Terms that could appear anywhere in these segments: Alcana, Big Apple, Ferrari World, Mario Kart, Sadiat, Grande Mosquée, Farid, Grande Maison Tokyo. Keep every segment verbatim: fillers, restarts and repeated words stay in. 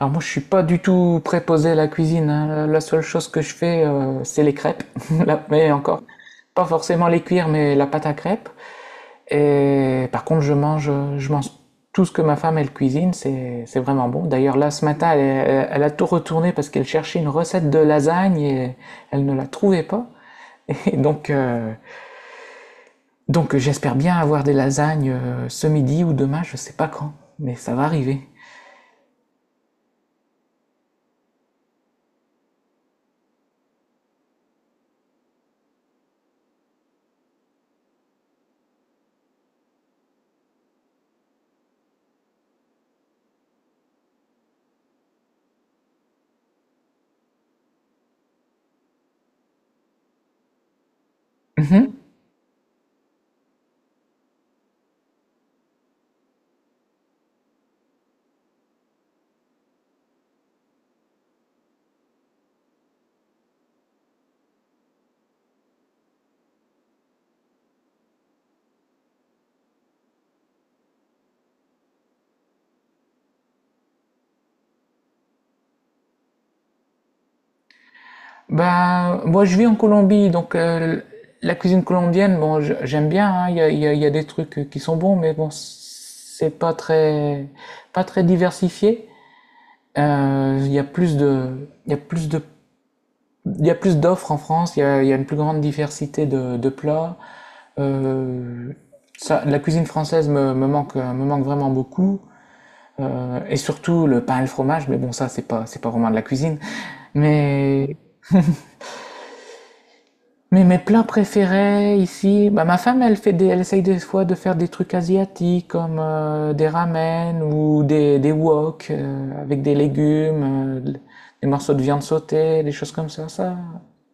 Alors moi, je suis pas du tout préposé à la cuisine, hein. La seule chose que je fais, euh, c'est les crêpes. Là, Mais encore, pas forcément les cuire, mais la pâte à crêpes. Et par contre, je mange, je mange tout ce que ma femme, elle cuisine. C'est, c'est vraiment bon. D'ailleurs, là, ce matin, elle, elle- elle a tout retourné parce qu'elle cherchait une recette de lasagne et elle ne la trouvait pas. Et donc, euh, donc j'espère bien avoir des lasagnes euh, ce midi ou demain, je sais pas quand, mais ça va arriver. Mhm. Ben moi je vis en Colombie, donc euh, la cuisine colombienne, bon, je- j'aime bien, hein, il y a, il y a- il y a des trucs euh, qui sont bons, mais bon, c'est pas très, pas très diversifié. Euh, Il y a plus de, il y a plus de, il y a plus d'offres en France, il y a, il y a une plus grande diversité de, de plats. Euh, ça, la cuisine française me, me manque, me manque vraiment beaucoup. Euh, et surtout le pain et le fromage, mais bon, ça, c'est pas, c'est pas vraiment de la cuisine. Mais Mais mes plats préférés ici, bah, ma femme elle fait des, elle essaye des fois de faire des trucs asiatiques comme euh, des ramen ou des, des wok euh, avec des légumes, euh, des morceaux de viande sautée, des choses comme ça. Ça,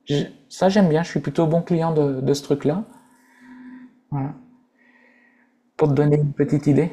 j'ai- ça j'aime bien, je suis plutôt bon client de, de ce truc-là. Voilà. Pour te donner une petite idée.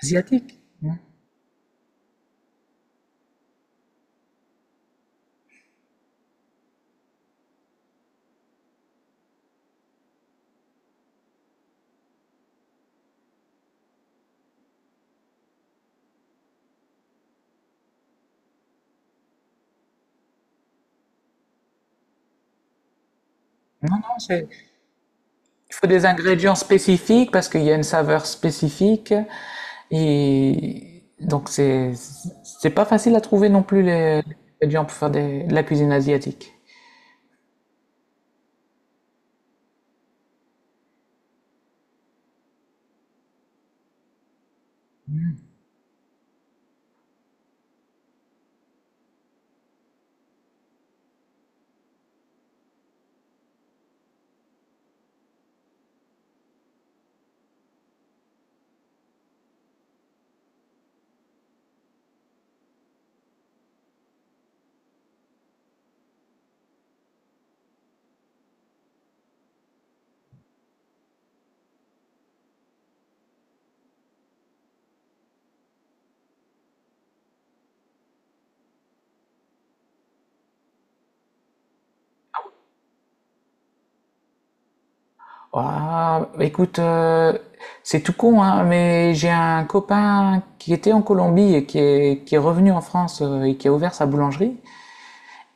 Asiatique, hein. Non, c'est- il faut des ingrédients spécifiques parce qu'il y a une saveur spécifique. Et donc, c'est, c'est pas facile à trouver non plus les, les ingrédients pour faire des- de la cuisine asiatique. Ah, écoute, euh, c'est tout con, hein, mais j'ai un copain qui était en Colombie et qui est, qui est revenu en France euh, et qui a ouvert sa boulangerie.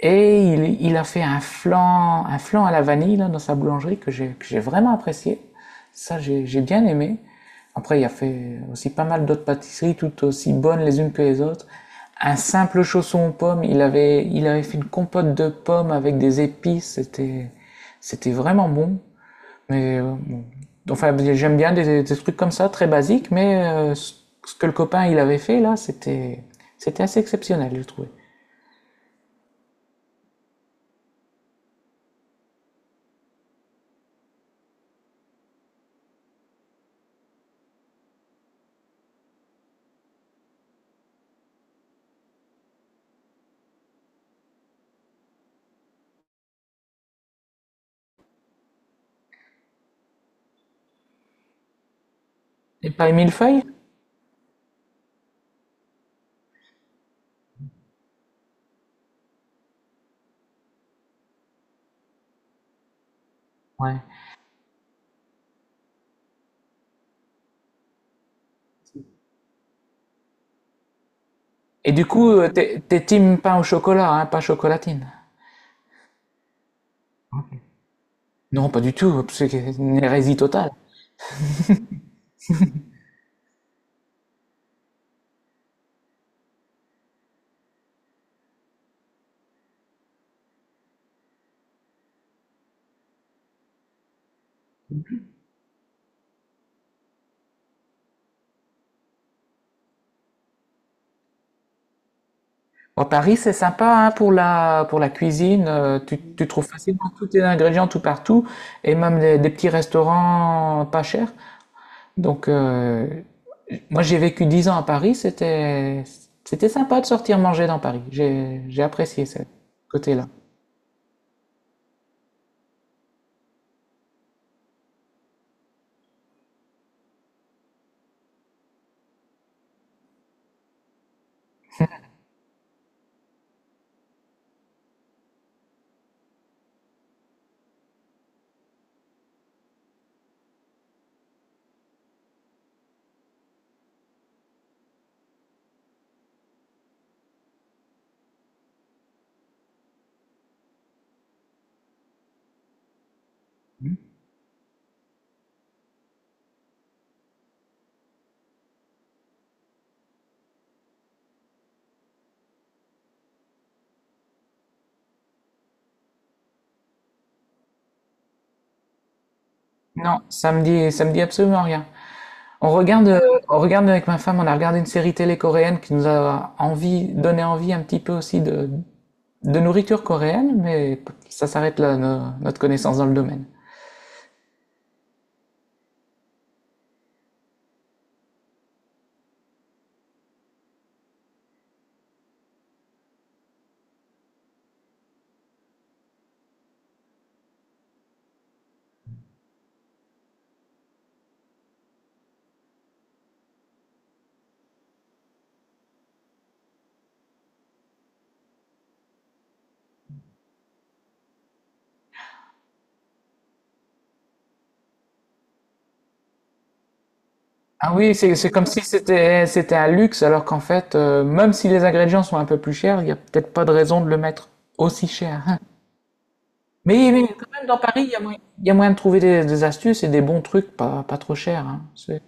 Et il, il a fait un flan, un flan à la vanille là, dans sa boulangerie que j'ai j'ai vraiment apprécié. Ça, j'ai j'ai bien aimé. Après, il a fait aussi pas mal d'autres pâtisseries toutes aussi bonnes les unes que les autres. Un simple chausson aux pommes, il avait, il avait fait une compote de pommes avec des épices, c'était, c'était vraiment bon. Mais euh, bon. enfin, j'aime bien des, des trucs comme ça, très basiques, mais euh, ce que le copain il avait fait là, c'était, c'était assez exceptionnel, je trouvais. Et pas mille. Ouais. Et du coup, euh, t'es t'es team pain au chocolat, hein, pas chocolatine. Non, pas du tout, c'est une hérésie totale. À Paris, c'est sympa hein, pour la, pour la cuisine. euh, tu, tu trouves facilement tous tes ingrédients tout partout et même des, des petits restaurants pas chers. Donc, euh, moi, j'ai vécu dix ans à Paris. C'était, c'était sympa de sortir manger dans Paris. J'ai, j'ai apprécié ce côté-là. Non, ça me dit, ça me dit absolument rien. On regarde, euh, on regarde avec ma femme, on a regardé une série télé coréenne qui nous a envie, donné envie un petit peu aussi de, de nourriture coréenne, mais ça s'arrête là, no- notre connaissance dans le domaine. Ah oui, c'est, c'est comme si c'était, c'était un luxe, alors qu'en fait, euh, même si les ingrédients sont un peu plus chers, il n'y a peut-être pas de raison de le mettre aussi cher. Mais, mais quand même, dans Paris, il y a moyen, il y a moyen de trouver des, des astuces et des bons trucs pas, pas trop chers, hein. C'est-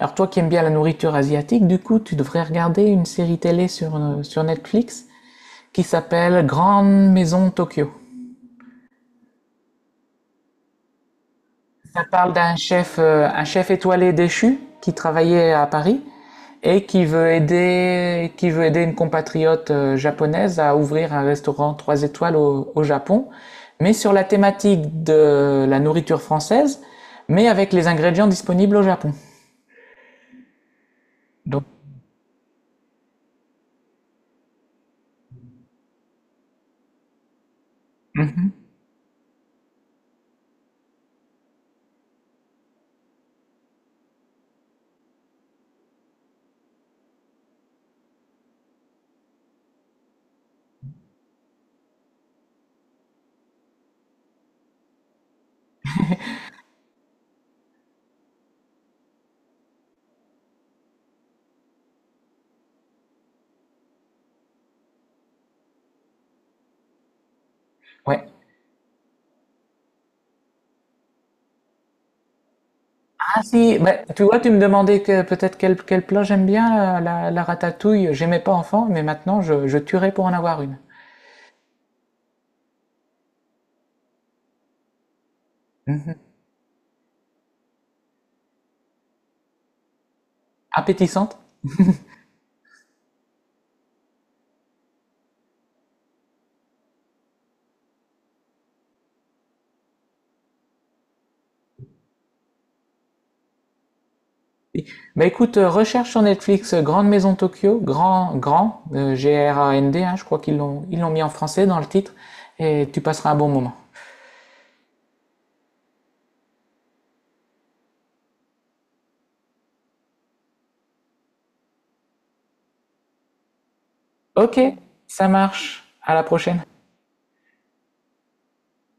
alors toi qui aimes bien la nourriture asiatique, du coup, tu devrais regarder une série télé sur, euh, sur Netflix qui s'appelle Grande Maison Tokyo. Ça parle d'un chef, euh, un chef étoilé déchu qui travaillait à Paris et qui veut aider, qui veut aider une compatriote euh, japonaise à ouvrir un restaurant trois étoiles au, au Japon, mais sur la thématique de la nourriture française, mais avec les ingrédients disponibles au Japon. Donc, ouais. Ah si, bah, tu vois, tu me demandais que, peut-être quel, quel plat j'aime bien, la, la, la ratatouille. J'aimais pas enfant, mais maintenant je, je tuerais pour en avoir une. Appétissante. Bah écoute, euh, recherche sur Netflix euh, Grande Maison Tokyo, grand, grand, euh, G R A N D, hein, je crois qu'ils l'ont, ils l'ont mis en français dans le titre, et tu passeras un bon moment. Ok, ça marche, à la prochaine.